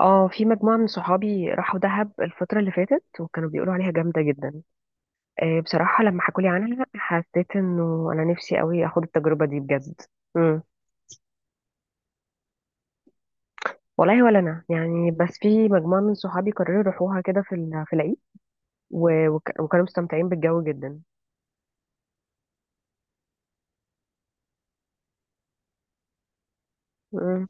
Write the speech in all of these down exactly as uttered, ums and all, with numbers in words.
اه، في مجموعة من صحابي راحوا دهب الفترة اللي فاتت وكانوا بيقولوا عليها جامدة جدا. آه، بصراحة لما حكولي عنها حسيت انه انا نفسي قوي اخد التجربة دي بجد. امم والله ولا انا، يعني بس في مجموعة من صحابي قرروا يروحوها كده في ال- في العيد، و- وك- وكانوا مستمتعين بالجو جدا. امم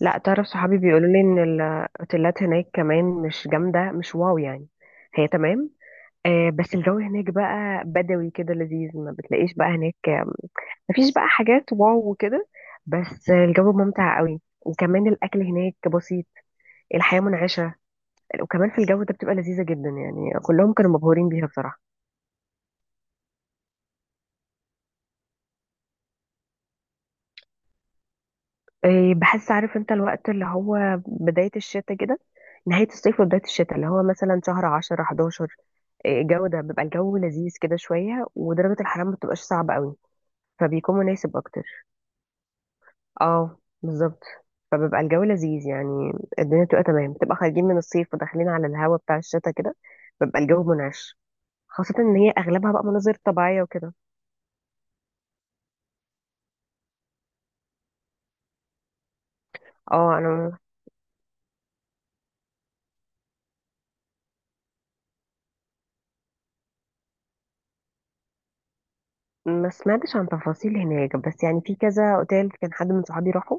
لا تعرف، صحابي بيقولوا لي ان الاوتيلات هناك كمان مش جامدة، مش واو يعني. هي تمام، آه، بس الجو هناك بقى بدوي كده لذيذ. ما بتلاقيش بقى هناك، مفيش بقى حاجات واو وكده، بس الجو ممتع قوي، وكمان الاكل هناك بسيط. الحياه منعشه، وكمان في الجو ده بتبقى لذيذه جدا، يعني كلهم كانوا مبهورين بيها بصراحه. إيه، بحس عارف انت الوقت اللي هو بدايه الشتاء كده، نهايه الصيف وبدايه الشتاء، اللي هو مثلا شهر عشرة حداشر. إيه، الجو ده بيبقى الجو لذيذ كده شويه، ودرجه الحراره ما بتبقاش صعبه قوي، فبيكون مناسب اكتر. اه بالظبط، فبيبقى الجو لذيذ يعني. الدنيا بتبقى تمام، بتبقى خارجين من الصيف وداخلين على الهوا بتاع الشتاء كده، بيبقى الجو منعش، خاصة ان هي اغلبها بقى مناظر طبيعية وكده. اه انا ما سمعتش عن تفاصيل هناك، بس يعني في كذا اوتيل كان حد من صحابي راحوا،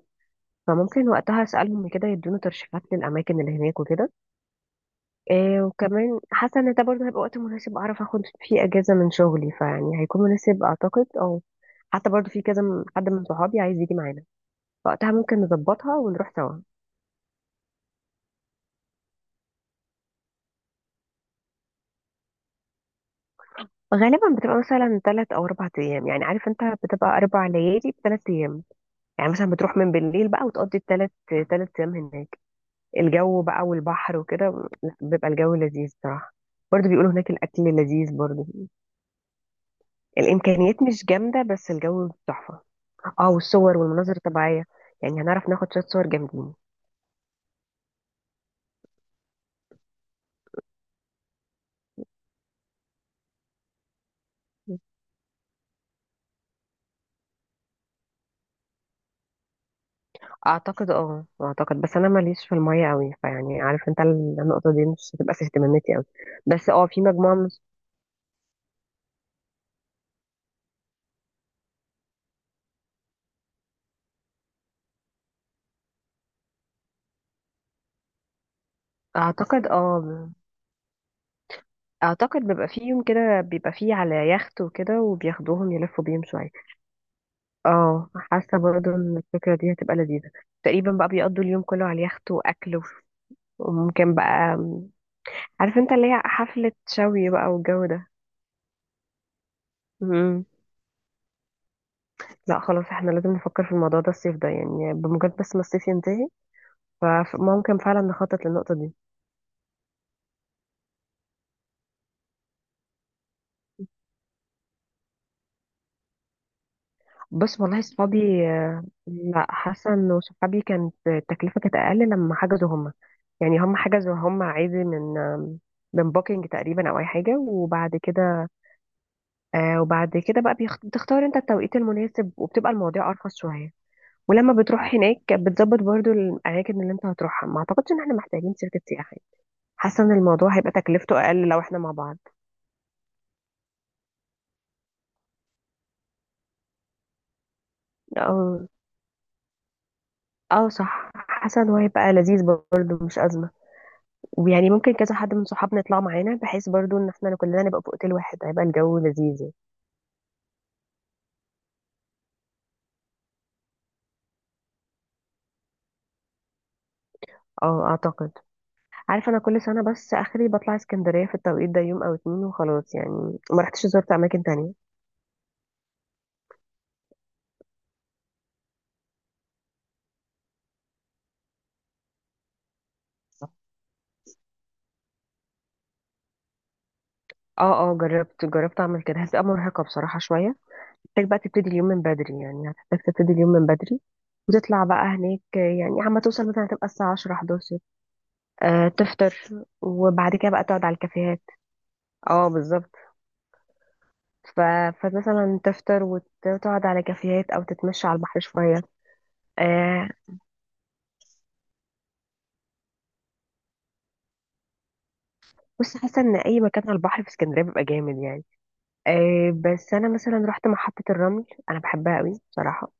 فممكن وقتها اسالهم كده يدونا ترشيحات للاماكن اللي هناك وكده. إيه، وكمان حاسه ان ده برضه هيبقى وقت مناسب اعرف اخد فيه اجازه من شغلي، فيعني هيكون مناسب اعتقد. او حتى برضه في كذا م- حد من صحابي عايز يجي معانا، وقتها ممكن نظبطها ونروح سوا. غالبا بتبقى مثلا ثلاث او اربع ايام، يعني عارف انت بتبقى اربع ليالي بثلاث ايام. يعني مثلا بتروح من بالليل بقى وتقضي الثلاث، ثلاث ايام هناك. الجو بقى والبحر وكده، لا بيبقى الجو لذيذ صراحة. برضه بيقولوا هناك الاكل لذيذ برضه، الامكانيات مش جامدة بس الجو تحفة. اه، والصور والمناظر الطبيعية، يعني هنعرف ناخد شوية صور جامدين. اعتقد، اه اعتقد بس انا ماليش في المية قوي، فيعني عارف انت النقطة دي مش هتبقى في اهتماماتي قوي. بس اه في مجموعة من، اعتقد اه ب- اعتقد بيبقى فيه يوم كده، بيبقى فيه على يخت وكده وبياخدوهم يلفوا بيهم شويه. اه حاسه برضه ان الفكره دي هتبقى لذيذه. تقريبا بقى بيقضوا اليوم كله على اليخت واكل وف- وممكن بقى م، عارف انت اللي هي حفله شوي بقى والجو ده. مم. لا خلاص احنا لازم نفكر في الموضوع ده الصيف ده، يعني بمجرد بس ما الصيف ينتهي فممكن فعلا نخطط للنقطه دي. بس والله صحابي، آه، لا حاسه انه صحابي كانت التكلفه كانت اقل لما حجزوا هم. يعني هم حجزوا هم عادي من من بوكينج تقريبا او اي حاجه، وبعد كده آه وبعد كده بقى بيخ- بتختار انت التوقيت المناسب وبتبقى المواضيع ارخص شويه. ولما بتروح هناك بتظبط برضو الاماكن اللي انت هتروحها، ما اعتقدش ان احنا محتاجين شركه سياحه. حاسه ان الموضوع هيبقى تكلفته اقل لو احنا مع بعض. اه، اه صح، حاسه ان هو هيبقى لذيذ، برضو مش ازمه. ويعني ممكن كذا حد من صحابنا يطلع معانا، بحيث برضو ان احنا كلنا نبقى في اوتيل واحد هيبقى الجو لذيذ يعني. اه اعتقد، عارفة أنا كل سنة بس آخري بطلع اسكندرية في التوقيت ده يوم أو اتنين وخلاص يعني، ما رحتش زرت أماكن تانية. اه اه، جربت جربت أعمل كده، هتبقى مرهقة بصراحة شوية. محتاج بقى تبتدي اليوم من بدري، يعني هتحتاج تبتدي اليوم من بدري وتطلع بقى هناك، يعني عما توصل مثلا هتبقى الساعة عشرة حداشر. آه تفطر، وبعد كده بقى تقعد على الكافيهات. اه بالظبط. ف... فمثلا تفطر وتقعد على كافيهات أو تتمشى على البحر شوية. آه بص، حاسة إن أي مكان على البحر في اسكندرية بيبقى جامد يعني. آه، بس انا مثلا رحت محطة الرمل، انا بحبها قوي بصراحة.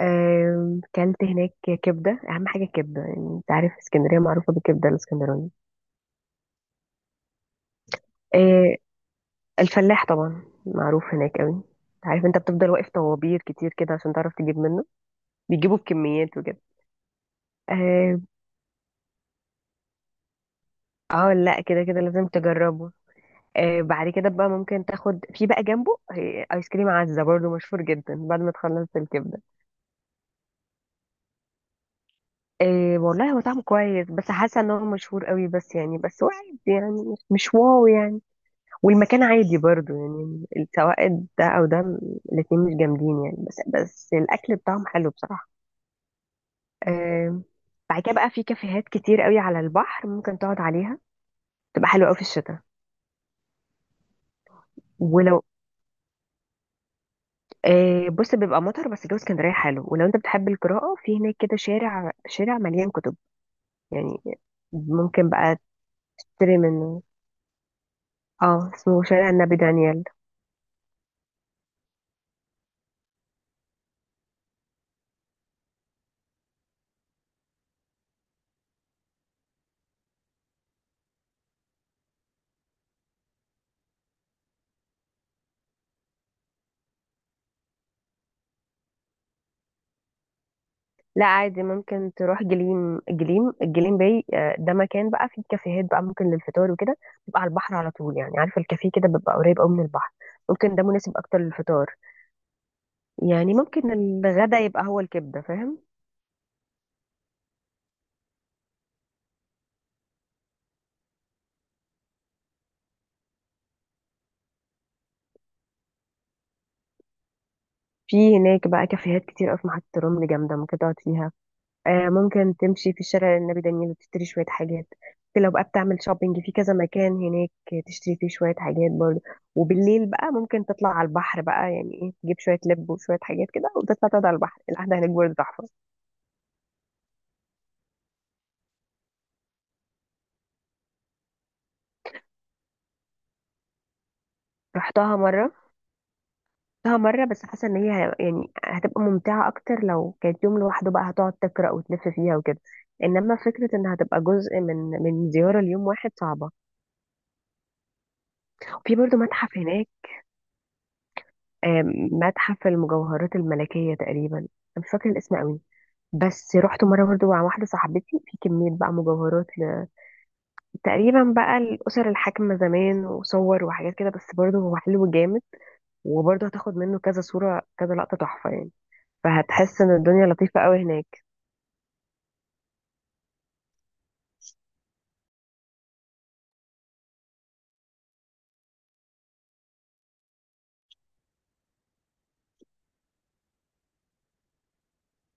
آه، كلت هناك كبدة، اهم حاجة الكبدة، يعني انت عارف اسكندرية معروفة بالكبدة الاسكندراني. آه، الفلاح طبعا معروف هناك قوي، انت عارف انت بتفضل واقف طوابير كتير كده عشان تعرف تجيب منه، بيجيبوا بكميات وكده. اه، آه، لا كده كده لازم تجربه. آه بعد كده بقى ممكن تاخد في بقى جنبه، آه، ايس كريم عزة برضه مشهور جدا بعد ما تخلص الكبدة. إيه والله هو طعمه كويس، بس حاسه ان هو مشهور قوي بس، يعني بس هو عادي يعني مش واو يعني. والمكان عادي برضو يعني، سواء ده او ده، الاتنين مش جامدين يعني، بس بس الاكل بتاعهم حلو بصراحه. إيه. بعد كده بقى في كافيهات كتير قوي على البحر ممكن تقعد عليها، تبقى حلوه قوي في الشتاء. ولو إيه بص، بيبقى مطر بس جو اسكندريه حلو، ولو انت بتحب القراءه في هناك كده، شارع شارع مليان كتب يعني، ممكن بقى تشتري منه. اه اسمه شارع النبي دانيال. لا عادي ممكن تروح جليم، جليم الجليم باي، آه، ده مكان بقى فيه كافيهات بقى ممكن للفطار وكده. بيبقى على البحر على طول، يعني عارف الكافيه كده بيبقى قريب قوي من البحر، ممكن ده مناسب اكتر للفطار. يعني ممكن الغدا يبقى هو الكبده فاهم. في هناك بقى كافيهات كتير قوي في محطه رمل جامده ممكن تقعد فيها. آه، ممكن تمشي في الشارع النبي دانيال وتشتري شوية حاجات. ممكن لو بقى بتعمل شوبينج في كذا مكان هناك تشتري فيه شوية حاجات برضه. وبالليل بقى ممكن تطلع على البحر بقى، يعني ايه تجيب شوية لب وشوية حاجات كده وتطلع تقعد على البحر، القعدة هناك برضه تحفة. رحتها مرة، رحتها مرة بس حاسة ان هي ه- يعني هتبقى ممتعة اكتر لو كانت يوم لوحده، بقى هتقعد تقرأ وتلف فيها وكده. انما فكرة انها هتبقى جزء من من زيارة ليوم واحد صعبة. في برضه متحف هناك. آم، متحف المجوهرات الملكية تقريبا، أنا مش فاكرة الاسم قوي. بس رحت مرة برضو مع واحدة صاحبتي، في كمية بقى مجوهرات ل... تقريبا بقى الأسر الحاكمة زمان وصور وحاجات كده، بس برضو هو حلو جامد. وبرضو هتاخد منه كذا صورة كذا لقطة تحفة يعني، فهتحس ان الدنيا لطيفة قوي هناك.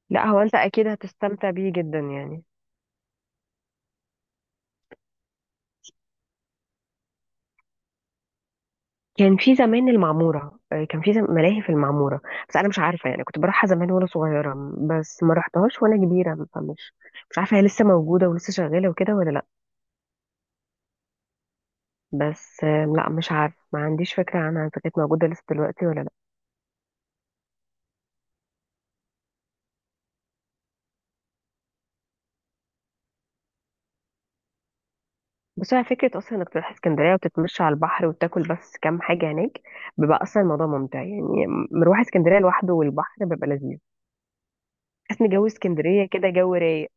لا هو انت اكيد هتستمتع بيه جدا يعني. كان في زمان المعمورة، آه، كان في زم... ملاهي في المعمورة، بس أنا مش عارفة يعني. كنت بروحها زمان وأنا صغيرة، بس ما رحتهاش وأنا كبيرة، فمش مش عارفة هي لسه موجودة ولسه شغالة وكده ولا لأ. بس آه، لأ مش عارفة، ما عنديش فكرة عنها إذا كانت موجودة لسه دلوقتي ولا لأ. بس هي فكرة أصلا إنك تروح اسكندرية وتتمشى على البحر وتاكل بس كام حاجة هناك، بيبقى أصلا الموضوع ممتع يعني. مروح اسكندرية لوحده والبحر بيبقى لذيذ، بحس إن جو اسكندرية كده جو رايق.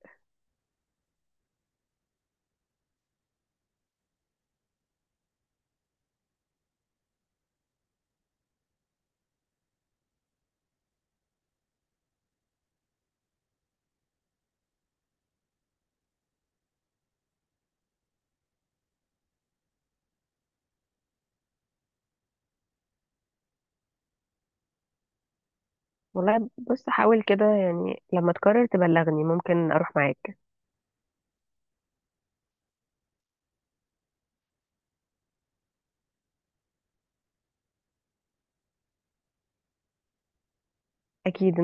والله بص حاول كده يعني، لما تقرر تبلغني ممكن أروح معاك. أكيد.